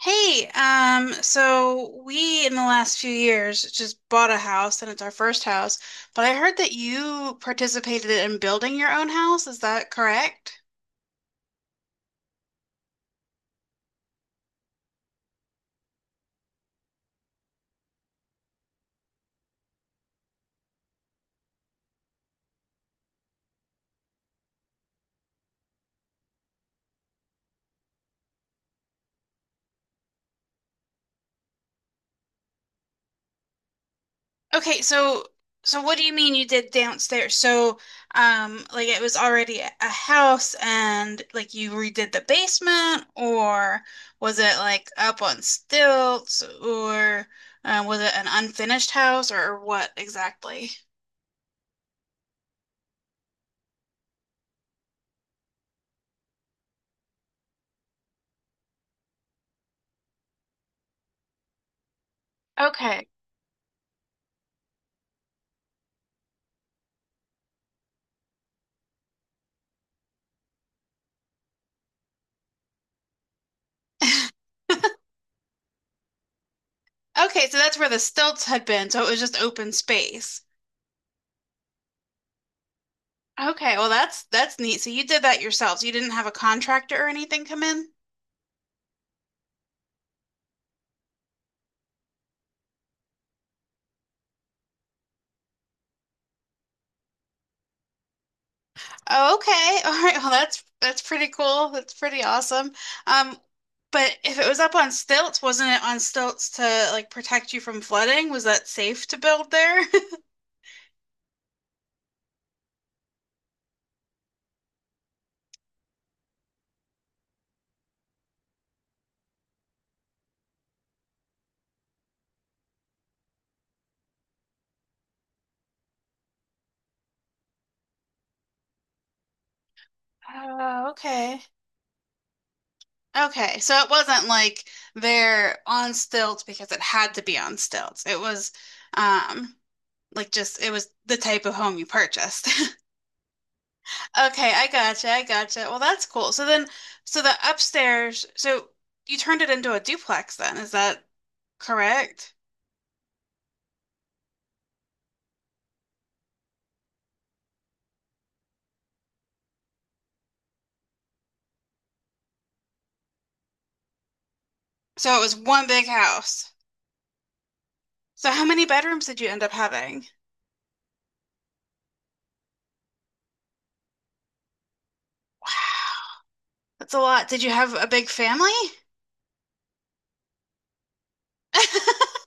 Hey, so we in the last few years just bought a house and it's our first house, but I heard that you participated in building your own house. Is that correct? Okay, so what do you mean you did downstairs? Like it was already a house and like you redid the basement, or was it like up on stilts, or was it an unfinished house, or what exactly? Okay. Okay, so that's where the stilts had been, so it was just open space. Okay, well that's neat. So you did that yourselves. You didn't have a contractor or anything come in? Oh, okay. All right. Well, that's pretty cool. That's pretty awesome. Um, but if it was up on stilts, wasn't it on stilts to like protect you from flooding? Was that safe to build there? Oh, okay. Okay, so it wasn't like they're on stilts because it had to be on stilts. It was um like just it was the type of home you purchased. Okay, I gotcha, I gotcha. Well, that's cool. So the upstairs, so you turned it into a duplex then, is that correct? So it was one big house. So how many bedrooms did you end up having? Wow, that's a lot. Did you have a big family?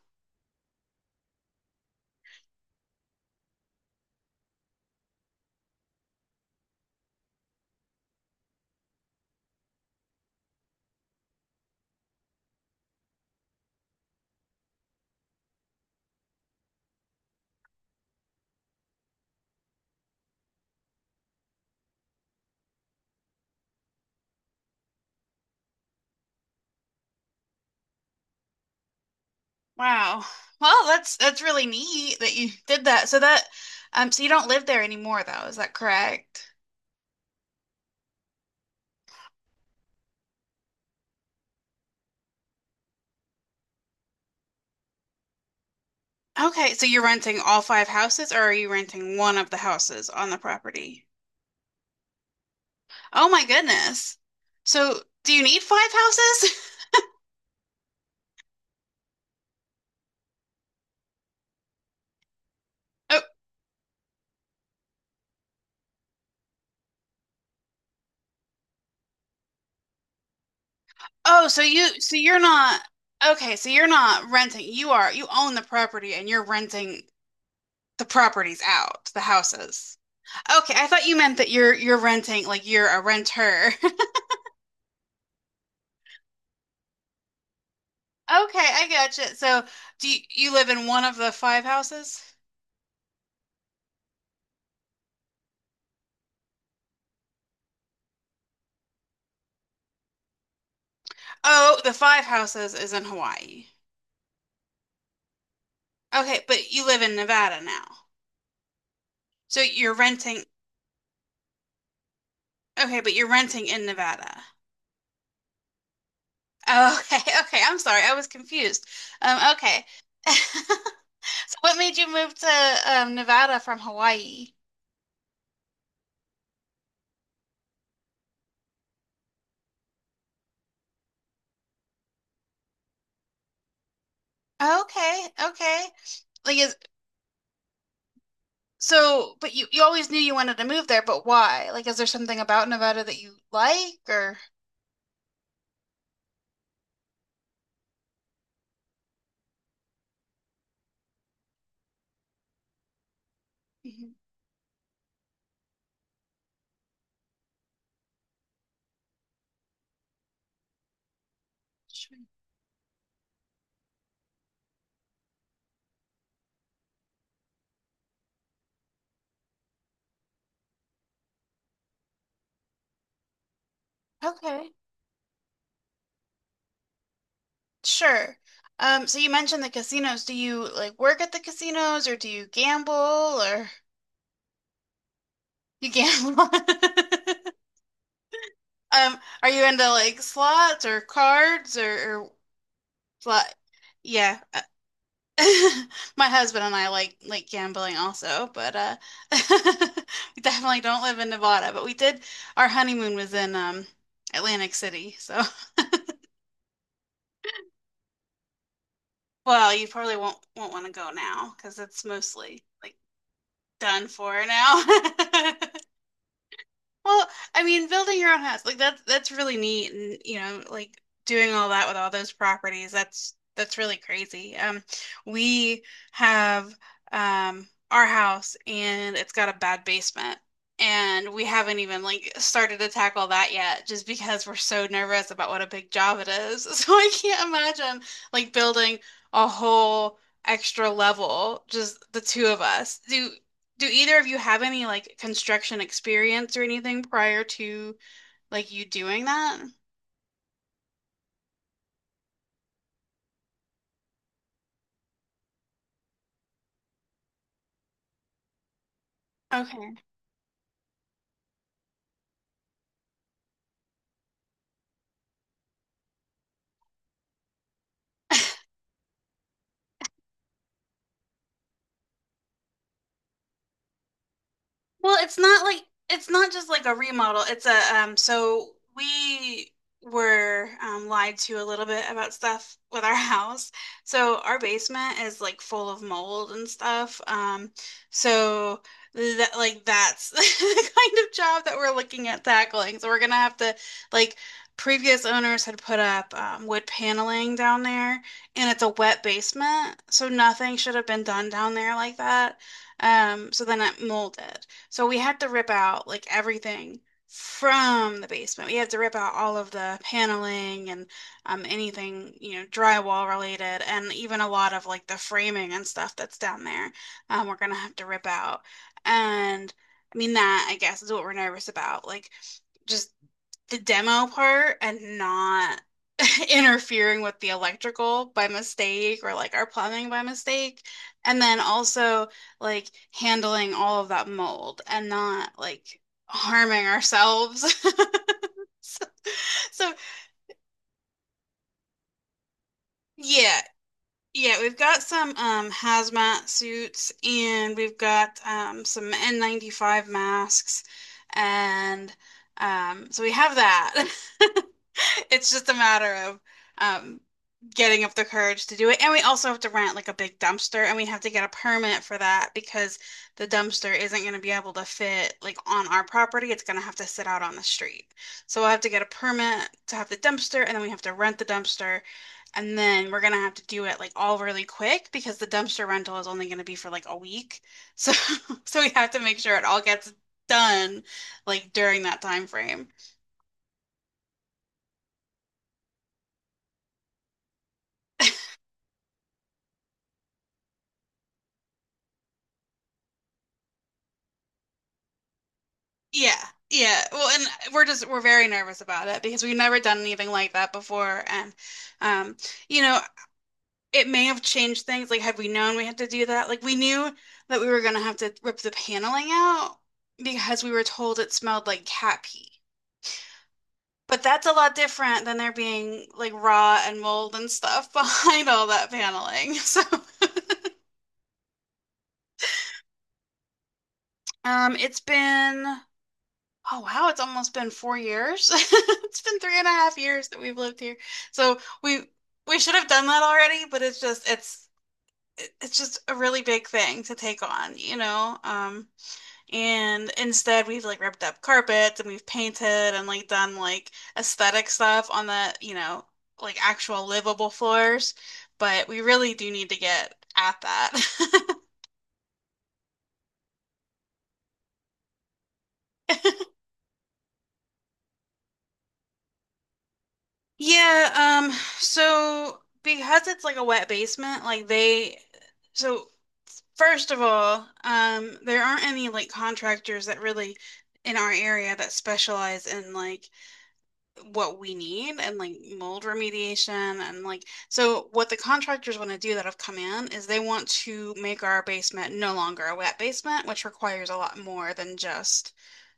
Wow. Well, that's really neat that you did that. So you don't live there anymore though, is that correct? Okay, so you're renting all five houses, or are you renting one of the houses on the property? Oh my goodness. So do you need five houses? Oh, oh, so you so you're not Okay, so you're not renting. You own the property and you're renting the properties out, the houses. Okay, I thought you meant that you're renting like you're a renter. Okay, I gotcha. So do you, you live in one of the five houses? Oh, the five houses is in Hawaii. Okay, but you live in Nevada now. So you're renting, okay, but you're renting in Nevada. Oh, okay, okay. I'm sorry, I was confused. Okay. So what made you move to Nevada from Hawaii? Okay, okay. Like is so, but You always knew you wanted to move there, but why? Like, is there something about Nevada that you like or? Mhm. Sure. Okay, sure. So you mentioned the casinos. Do you like work at the casinos or do you gamble or you gamble? Are you into like slots or cards or slot? Yeah. My husband and I like gambling also, but we definitely don't live in Nevada, but we did our honeymoon was in Atlantic City. So, well, you probably won't want to go now because it's mostly like done for now. Well, I mean, building your own house, like that's really neat and you know, like doing all that with all those properties, that's really crazy. We have our house and it's got a bad basement and we haven't even like started to tackle that yet just because we're so nervous about what a big job it is. So I can't imagine like building a whole extra level, just the two of us. Do either of you have any like construction experience or anything prior to like you doing that? Okay. Well, it's not like it's not just like a remodel. It's a so We were lied to a little bit about stuff with our house. So our basement is like full of mold and stuff. So that like that's the kind of job that we're looking at tackling. So we're gonna have to like previous owners had put up wood paneling down there and it's a wet basement, so nothing should have been done down there like that. So then it molded. So we had to rip out like everything from the basement. We had to rip out all of the paneling and anything, you know, drywall related, and even a lot of like the framing and stuff that's down there. We're gonna have to rip out. And I mean, that I guess is what we're nervous about. Like, just the demo part and not interfering with the electrical by mistake or like our plumbing by mistake. And then also like handling all of that mold and not like harming ourselves. So, so yeah, Yeah, we've got some hazmat suits and we've got some N95 masks. And so we have that. It's just a matter of um, getting up the courage to do it. And we also have to rent like a big dumpster and we have to get a permit for that because the dumpster isn't going to be able to fit like on our property. It's going to have to sit out on the street. So we'll have to get a permit to have the dumpster and then we have to rent the dumpster. And then we're gonna have to do it like all really quick because the dumpster rental is only gonna be for like a week. So so we have to make sure it all gets done like during that time frame. Yeah. Yeah. Well, and we're just we're very nervous about it because we've never done anything like that before and um you know, it may have changed things like had we known we had to do that, like we knew that we were gonna have to rip the paneling out because we were told it smelled like cat pee. But that's a lot different than there being like raw and mold and stuff behind all that paneling. So, it's been, oh wow, it's almost been 4 years. It's been three and a half years that we've lived here. So we we should have done that already, but it's just it's just a really big thing to take on, you know? And instead, we've like ripped up carpets and we've painted and like done like aesthetic stuff on the, you know, like actual livable floors. But we really do need to get at that. Yeah, so because it's like a wet basement, like they, so first of all, there aren't any like contractors that really in our area that specialize in like what we need and like mold remediation and like so what the contractors want to do that have come in is they want to make our basement no longer a wet basement, which requires a lot more than just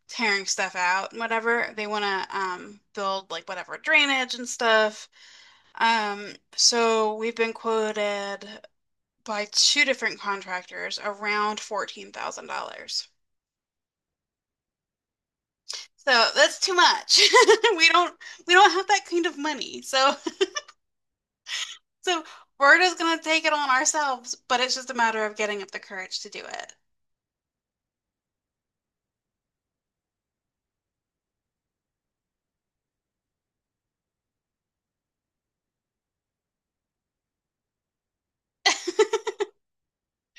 tearing stuff out and whatever. They want to build like whatever drainage and stuff. So we've been quoted by two different contractors around $14,000. So that's too much. We don't we don't have that kind of money. So so we're just going to take it on ourselves, but it's just a matter of getting up the courage to do it.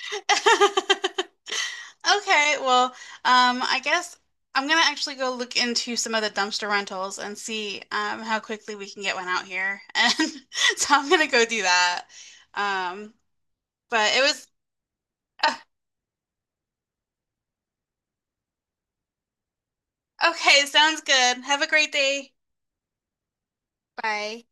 Okay, well, I guess I'm gonna actually go look into some of the dumpster rentals and see how quickly we can get one out here. And so I'm gonna go do that. Um, but it was uh, okay, sounds good. Have a great day. Bye.